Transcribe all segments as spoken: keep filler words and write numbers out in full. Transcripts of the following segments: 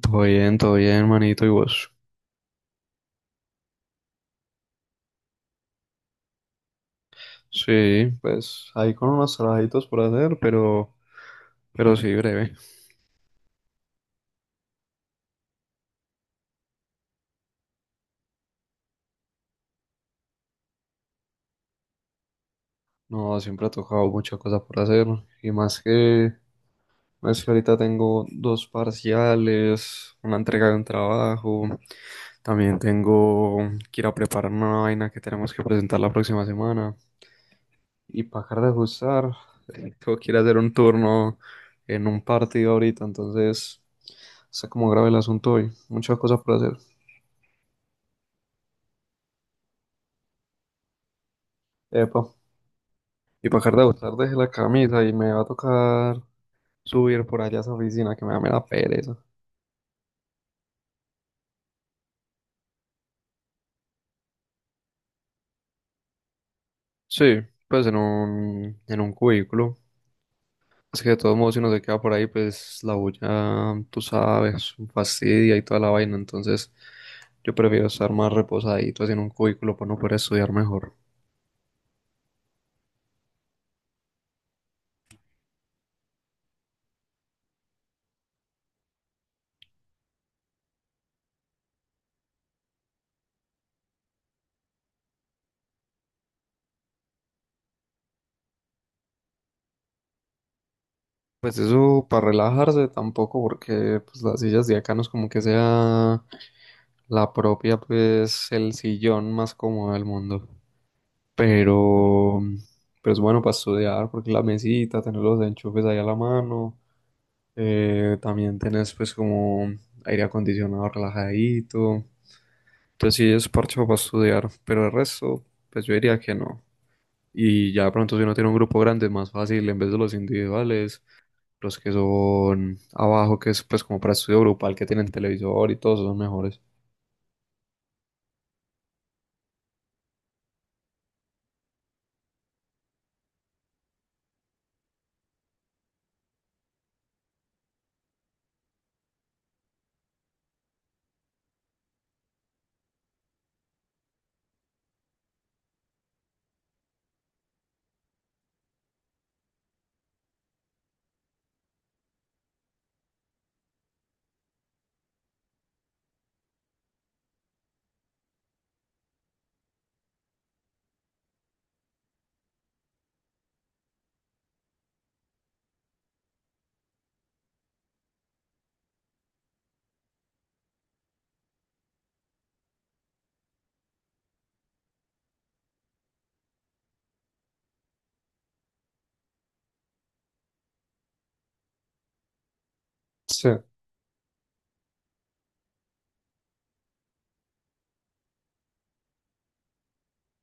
Todo bien, todo bien, manito, y vos. Sí, pues ahí con unos trabajitos por hacer, pero, pero sí, breve. No, siempre ha tocado mucha cosa por hacer. Y más que, más que ahorita tengo dos parciales, una entrega de un trabajo. También tengo que ir a preparar una vaina que tenemos que presentar la próxima semana. Y para acabar de ajustar, eh, tengo que ir a hacer un turno en un partido ahorita, entonces está como grave el asunto hoy. Muchas cosas por hacer. Epa. Y para dejar de botar dejé la camisa y me va a tocar subir por allá a esa oficina que me da mera pereza. Sí, pues en un, en un cubículo. Es que de todos modos si uno se queda por ahí, pues la bulla, tú sabes, fastidia y toda la vaina. Entonces yo prefiero estar más reposadito así en un cubículo para no poder estudiar mejor. Pues eso para relajarse tampoco, porque pues las sillas de acá no es como que sea la propia, pues el sillón más cómodo del mundo. Pero, pero es bueno para estudiar porque la mesita, tener los enchufes ahí a la mano, eh, también tenés pues como aire acondicionado relajadito. Entonces sí es parche para estudiar, pero el resto pues yo diría que no. Y ya de pronto si uno tiene un grupo grande es más fácil en vez de los individuales, los que son abajo que es pues como para estudio grupal que tienen televisor y todos son mejores. Sí,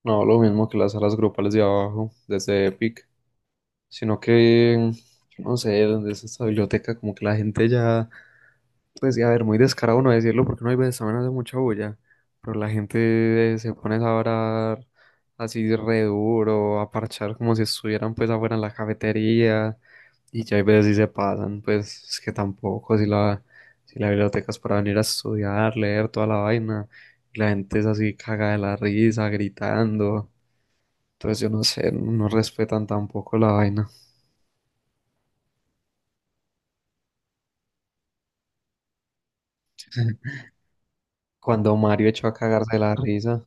no, lo mismo que las salas grupales de abajo desde Epic. Sino que, yo no sé, donde es esta biblioteca, como que la gente ya, pues, y a ver, muy descarado no decirlo porque no hay veces también hace mucha bulla, pero la gente se pone a hablar así re duro, a parchar como si estuvieran pues afuera en la cafetería, y ya hay veces sí se pasan, pues es que tampoco, si la, si la biblioteca es para venir a estudiar, leer toda la vaina, y la gente es así caga de la risa, gritando, entonces yo no sé, no respetan tampoco la vaina. Cuando Mario echó a cagarse de la risa.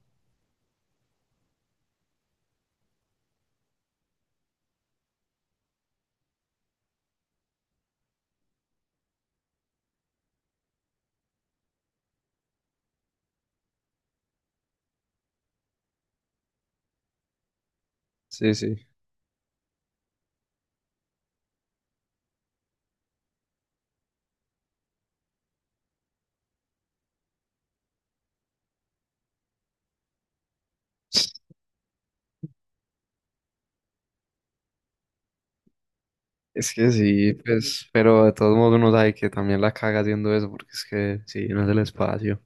Sí, sí. Es que sí, pues, pero de todos modos uno sabe que también la caga haciendo eso, porque es que sí, no es el espacio.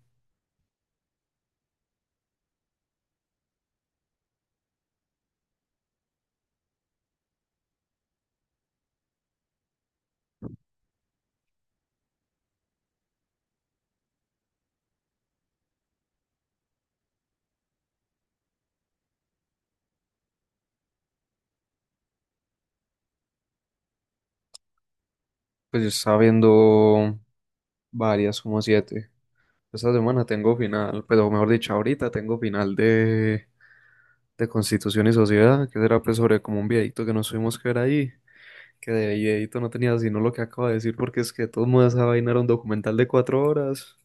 Pues yo estaba viendo varias, como siete. Esta semana tengo final, pero mejor dicho, ahorita tengo final de, de Constitución y Sociedad, que será pues sobre como un viejito que nos tuvimos que ver ahí, que de viejito no tenía sino lo que acabo de decir, porque es que de todos modos esa vaina era un documental de cuatro horas.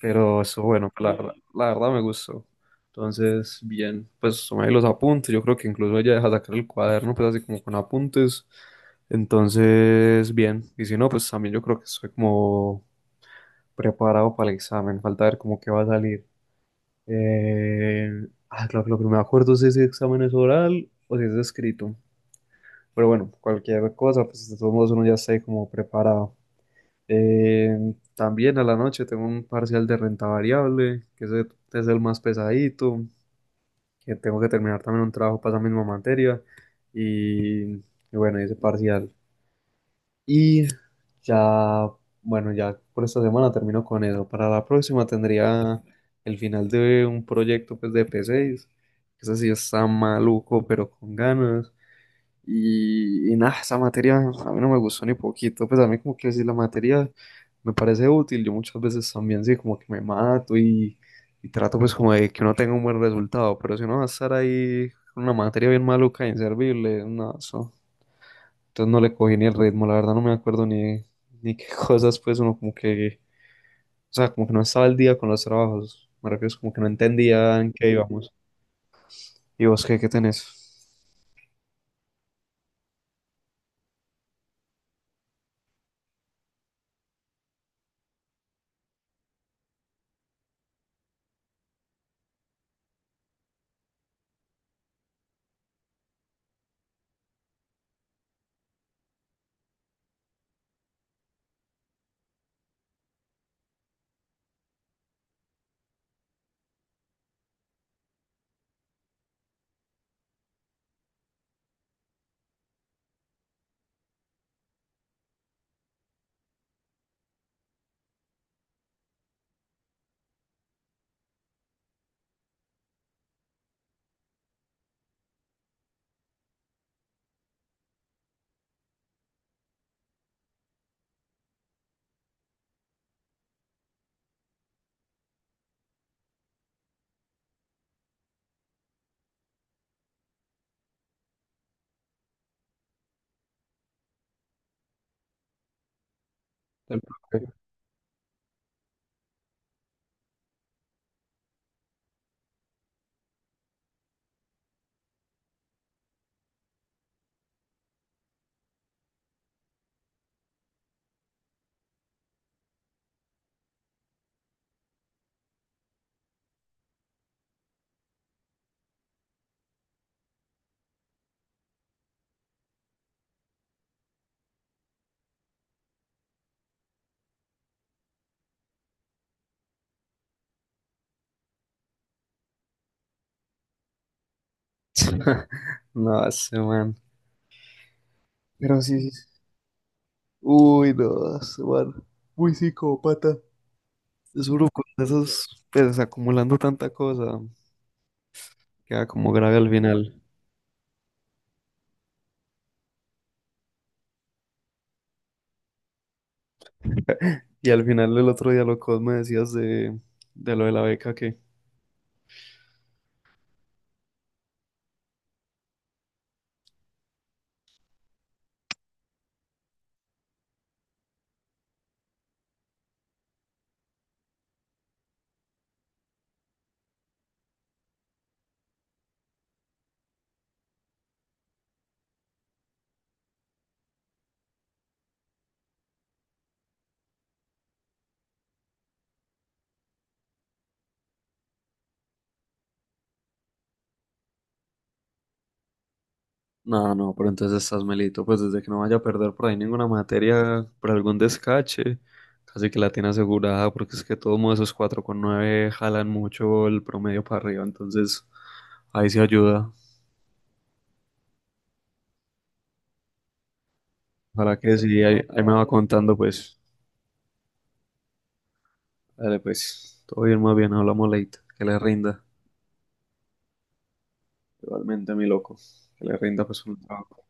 Pero eso, bueno, pues, la, verdad- la verdad me gustó. Entonces, bien, pues tomé ahí los apuntes. Yo creo que incluso ella deja sacar el cuaderno, pues así como con apuntes. Entonces, bien. Y si no, pues también yo creo que estoy como preparado para el examen. Falta ver cómo que va a salir. Eh, ah, claro que lo que no me acuerdo es si ese examen es oral o si es escrito. Pero bueno, cualquier cosa, pues de todos modos uno ya está ahí como preparado. Eh, También a la noche tengo un parcial de renta variable, que ese es el más pesadito, que tengo que terminar también un trabajo para esa misma materia. Y, y bueno, ese parcial. Y ya, bueno, ya por esta semana termino con eso. Para la próxima tendría el final de un proyecto pues, de p seis. Ese sí está maluco, pero con ganas. Y, y nada, esa materia a mí no me gustó ni poquito, pues a mí como que si la materia me parece útil, yo muchas veces también sí, como que me mato y, y trato pues como de que uno tenga un buen resultado, pero si uno va a estar ahí con una materia bien maluca, inservible, no, eso, entonces no le cogí ni el ritmo, la verdad no me acuerdo ni, ni qué cosas pues uno como que, o sea, como que no estaba al día con los trabajos, me refiero es como que no entendía en qué íbamos. ¿Y vos qué, qué tenés? El profe. No, ese man. Pero sí, sí. Sí. Uy, no, ese man. Muy psicópata. Es uno con esos, pues acumulando tanta cosa, queda como grave al final. Y al final el otro día lo que vos me decías de, de lo de la beca que... No, no, pero entonces estás melito, pues desde que no vaya a perder por ahí ninguna materia, por algún descache, casi que la tiene asegurada, porque es que todos modos esos cuatro con nueve jalan mucho el promedio para arriba, entonces ahí se ayuda. Para que sí, ahí, ahí me va contando, pues. Dale, pues, todo bien, más bien, hablamos late. Que le rinda. Igualmente, mi loco. Que le rinda, pues, un trabajo.